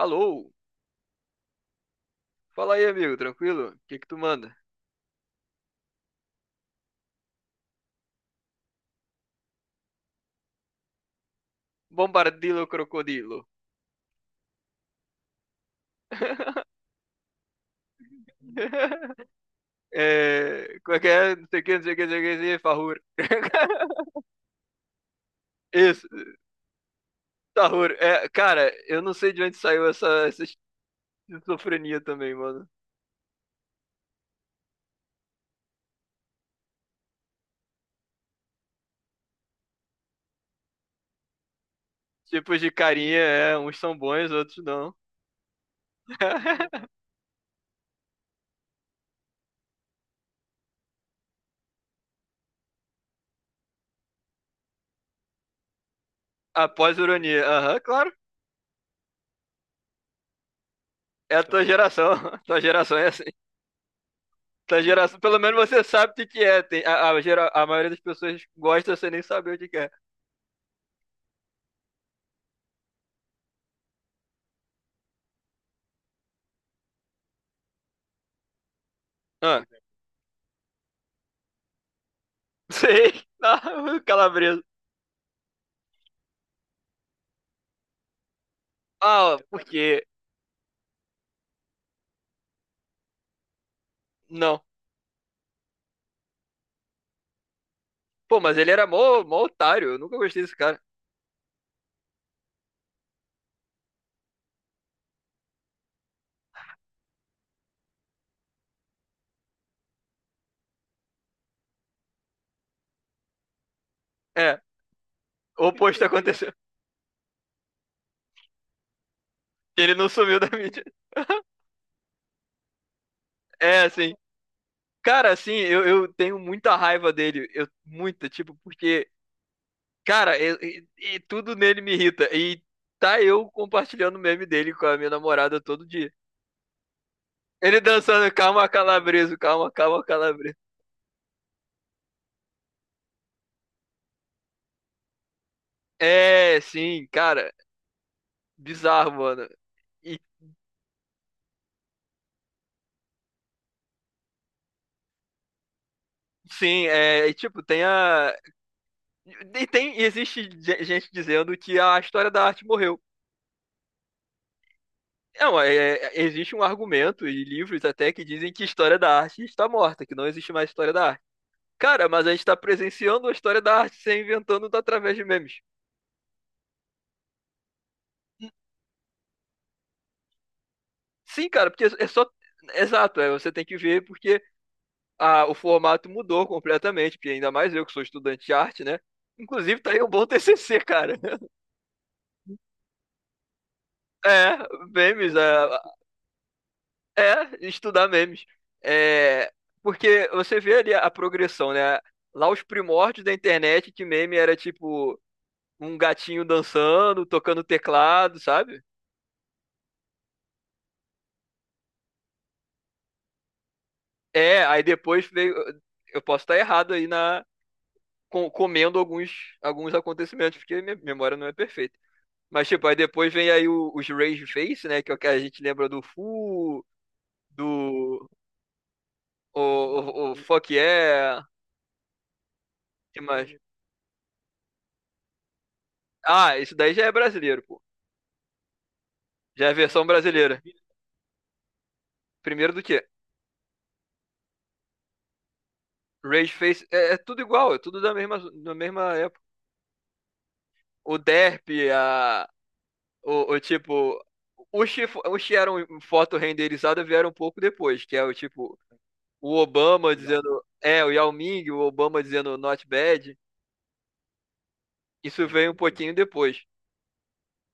Alô? Fala aí, amigo, tranquilo? O que que tu manda? Bombardilo crocodilo. É, como é que é? Não sei o que, não sei o que, não sei o que, não sei o que, farrur. Isso, farrur. É, cara, eu não sei de onde saiu essa esquizofrenia também, mano. Tipos de carinha, é, uns são bons, outros não. Após ironia. Aham, claro. É a tua geração. Tua geração é assim. Tua geração, pelo menos você sabe o que que é. Tem, a maioria das pessoas gosta sem nem saber o que que é. Ah, sei. Não, calabresa. Ah, porque. Não. Pô, mas ele era mó, mó otário. Eu nunca gostei desse cara. É, o oposto aconteceu. Ele não sumiu da mídia. É, assim. Cara, assim, eu tenho muita raiva dele. Eu, muita, tipo, porque. Cara, e tudo nele me irrita. E tá eu compartilhando o meme dele com a minha namorada todo dia. Ele dançando, calma, calabreso, calma, calma, calabreso. É, sim, cara. Bizarro, mano. E Sim, é, e, tipo, tem a. E tem, e existe gente dizendo que a história da arte morreu. Não, existe um argumento e livros até que dizem que história da arte está morta, que não existe mais história da arte. Cara, mas a gente está presenciando a história da arte se inventando através de memes. Sim, cara, porque é só. Exato, é, você tem que ver porque o formato mudou completamente, porque ainda mais eu que sou estudante de arte, né? Inclusive, tá aí um bom TCC, cara. É, memes, estudar memes. É, porque você vê ali a progressão, né? Lá os primórdios da internet, que meme era tipo um gatinho dançando, tocando teclado, sabe? É, aí depois veio. Eu posso estar errado aí na. Comendo alguns acontecimentos, porque minha memória não é perfeita. Mas, tipo, aí depois vem aí os Rage Face, né? Que é o que a gente lembra do Fu, do. O Fuck Yeah. Que mais? Ah, isso daí já é brasileiro, pô. Já é a versão brasileira. Primeiro do que? Rage Face é tudo igual, é tudo da mesma época. O Derp, a, o tipo. Os que eram foto renderizada vieram um pouco depois, que é o tipo. O Obama dizendo. É, o Yao Ming, o Obama dizendo not bad. Isso veio um pouquinho depois.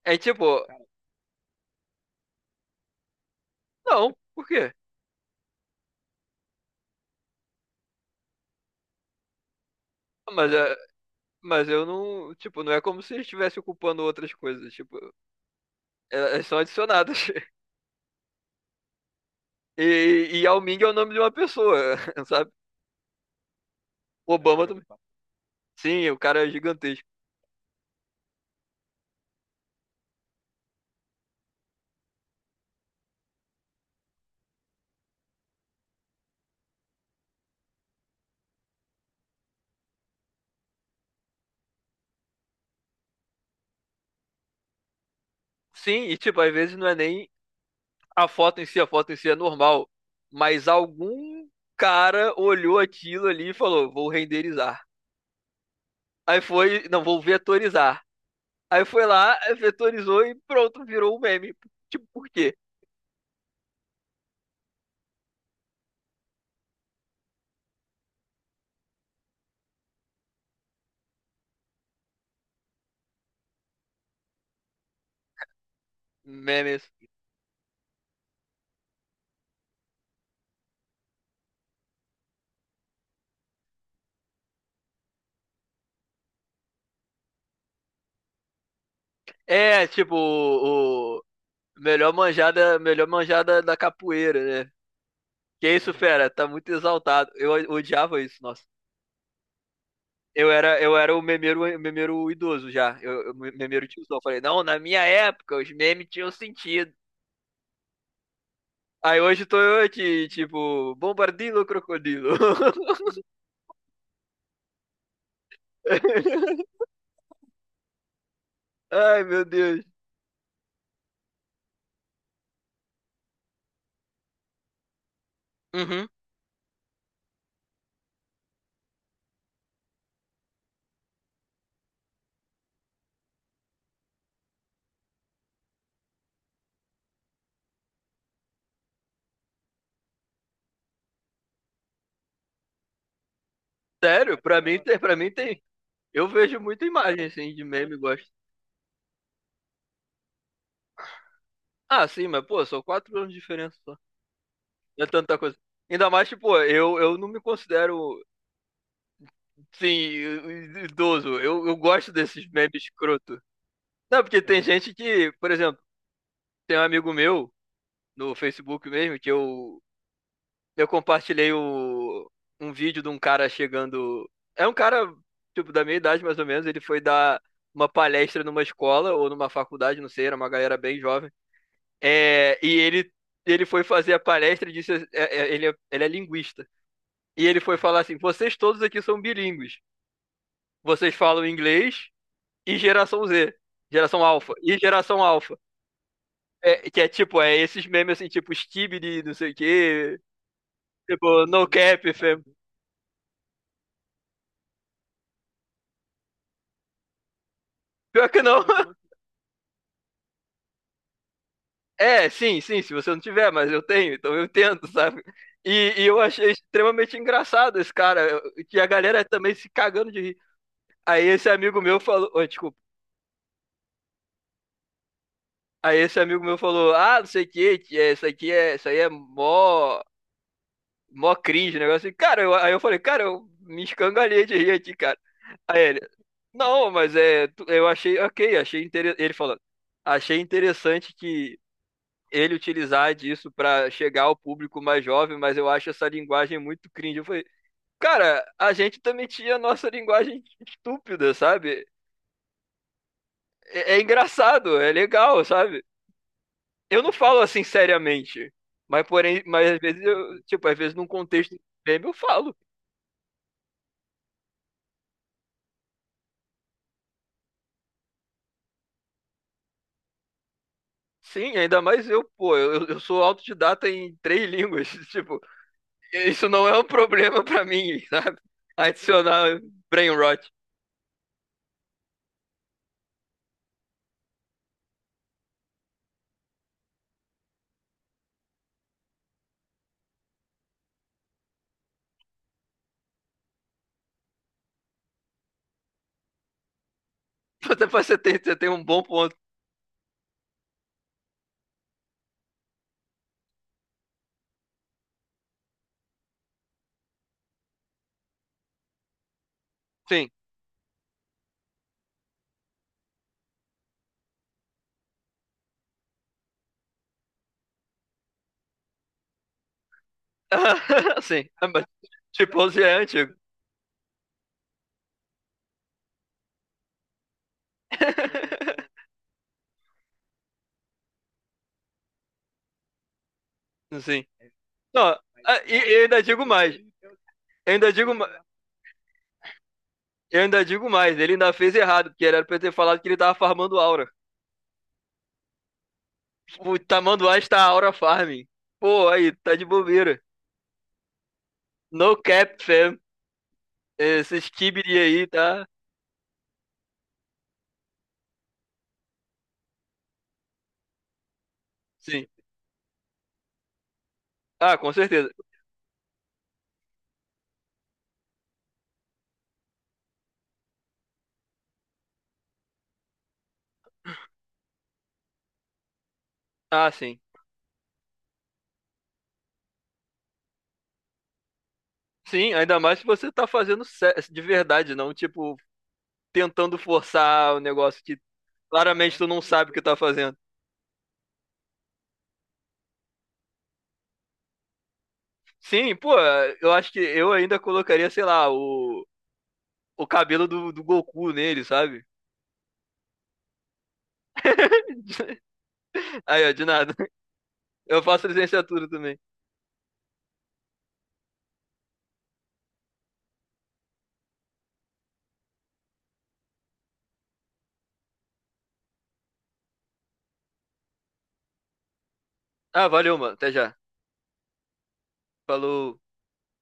É tipo, não, por quê? Mas, é, mas eu não. Tipo, não é como se estivesse ocupando outras coisas. Tipo, elas são adicionadas. E Yao Ming é o nome de uma pessoa, sabe? O Obama também. Sim, o cara é gigantesco. Sim, e tipo, às vezes não é nem a foto em si, a foto em si é normal. Mas algum cara olhou aquilo ali e falou: vou renderizar. Aí foi, não, vou vetorizar. Aí foi lá, vetorizou e pronto, virou um meme. Tipo, por quê? Memes. É, tipo, melhor manjada da capoeira, né? Que isso, fera, tá muito exaltado. Eu odiava isso, nossa. Eu era o memeiro idoso já. Eu memeiro tiozão. Falei, não, na minha época os memes tinham sentido. Aí hoje tô eu aqui, tipo, bombardilo ou crocodilo? Ai, meu Deus. Uhum. Sério, pra mim tem. Eu vejo muita imagem, assim, de meme, gosto. Ah, sim, mas, pô, são 4 anos de diferença só. Não é tanta coisa. Ainda mais, que, pô, eu não me considero, sim, idoso. Eu gosto desses memes escroto. Não, porque tem gente que, por exemplo, tem um amigo meu no Facebook mesmo que eu compartilhei um vídeo de um cara chegando. É um cara tipo da minha idade mais ou menos. Ele foi dar uma palestra numa escola ou numa faculdade, não sei. Era uma galera bem jovem. É, e ele foi fazer a palestra e disse ele é linguista e ele foi falar assim: vocês todos aqui são bilíngues. Vocês falam inglês e geração Z, geração alfa. É, que é tipo, é esses memes assim, tipo Steve de não sei o quê. Tipo, no cap, fam. Pior que não. É, sim, sim, se você não tiver, mas eu tenho, então eu tento, sabe? E eu achei extremamente engraçado esse cara. E a galera também se cagando de rir. Aí esse amigo meu falou. Oi, desculpa. Aí esse amigo meu falou, ah, não sei o que, é, isso aqui é. Isso aí é mó. Mó cringe, um negócio assim. Cara, aí eu falei, cara, eu me escangalhei de rir aqui, cara. Aí ele, não, mas é. Eu achei, ok, achei interessante. Ele falando, achei interessante que ele utilizar disso para chegar ao público mais jovem, mas eu acho essa linguagem muito cringe. Eu falei, cara, a gente também tinha a nossa linguagem estúpida, sabe? É, é engraçado, é legal, sabe? Eu não falo assim seriamente, mas porém, mas às vezes eu, tipo, às vezes num contexto meme eu falo. Sim, ainda mais eu, pô, eu sou autodidata em 3 línguas, tipo, isso não é um problema para mim, sabe? Adicionar brain rot. Até pra você ter, você tem um bom ponto. Sim. Sim, mas Chimpanzé é antigo. Sim. Não, ah, e eu ainda digo mais. Eu ainda digo, ma- eu ainda digo mais. Ele ainda fez errado, porque era pra eu ter falado que ele tava farmando aura. O Tamanduá está aura farming. Pô, aí, tá de bobeira. No cap, fam. Esses kibiri aí, tá? Sim. Ah, com certeza. Ah, sim. Sim, ainda mais se você tá fazendo de verdade, não, tipo, tentando forçar o negócio que claramente tu não sabe o que tá fazendo. Sim, pô, eu acho que eu ainda colocaria, sei lá, o cabelo do Goku nele, sabe? Aí, ó, de nada. Eu faço licenciatura também. Ah, valeu, mano. Até já. Falou.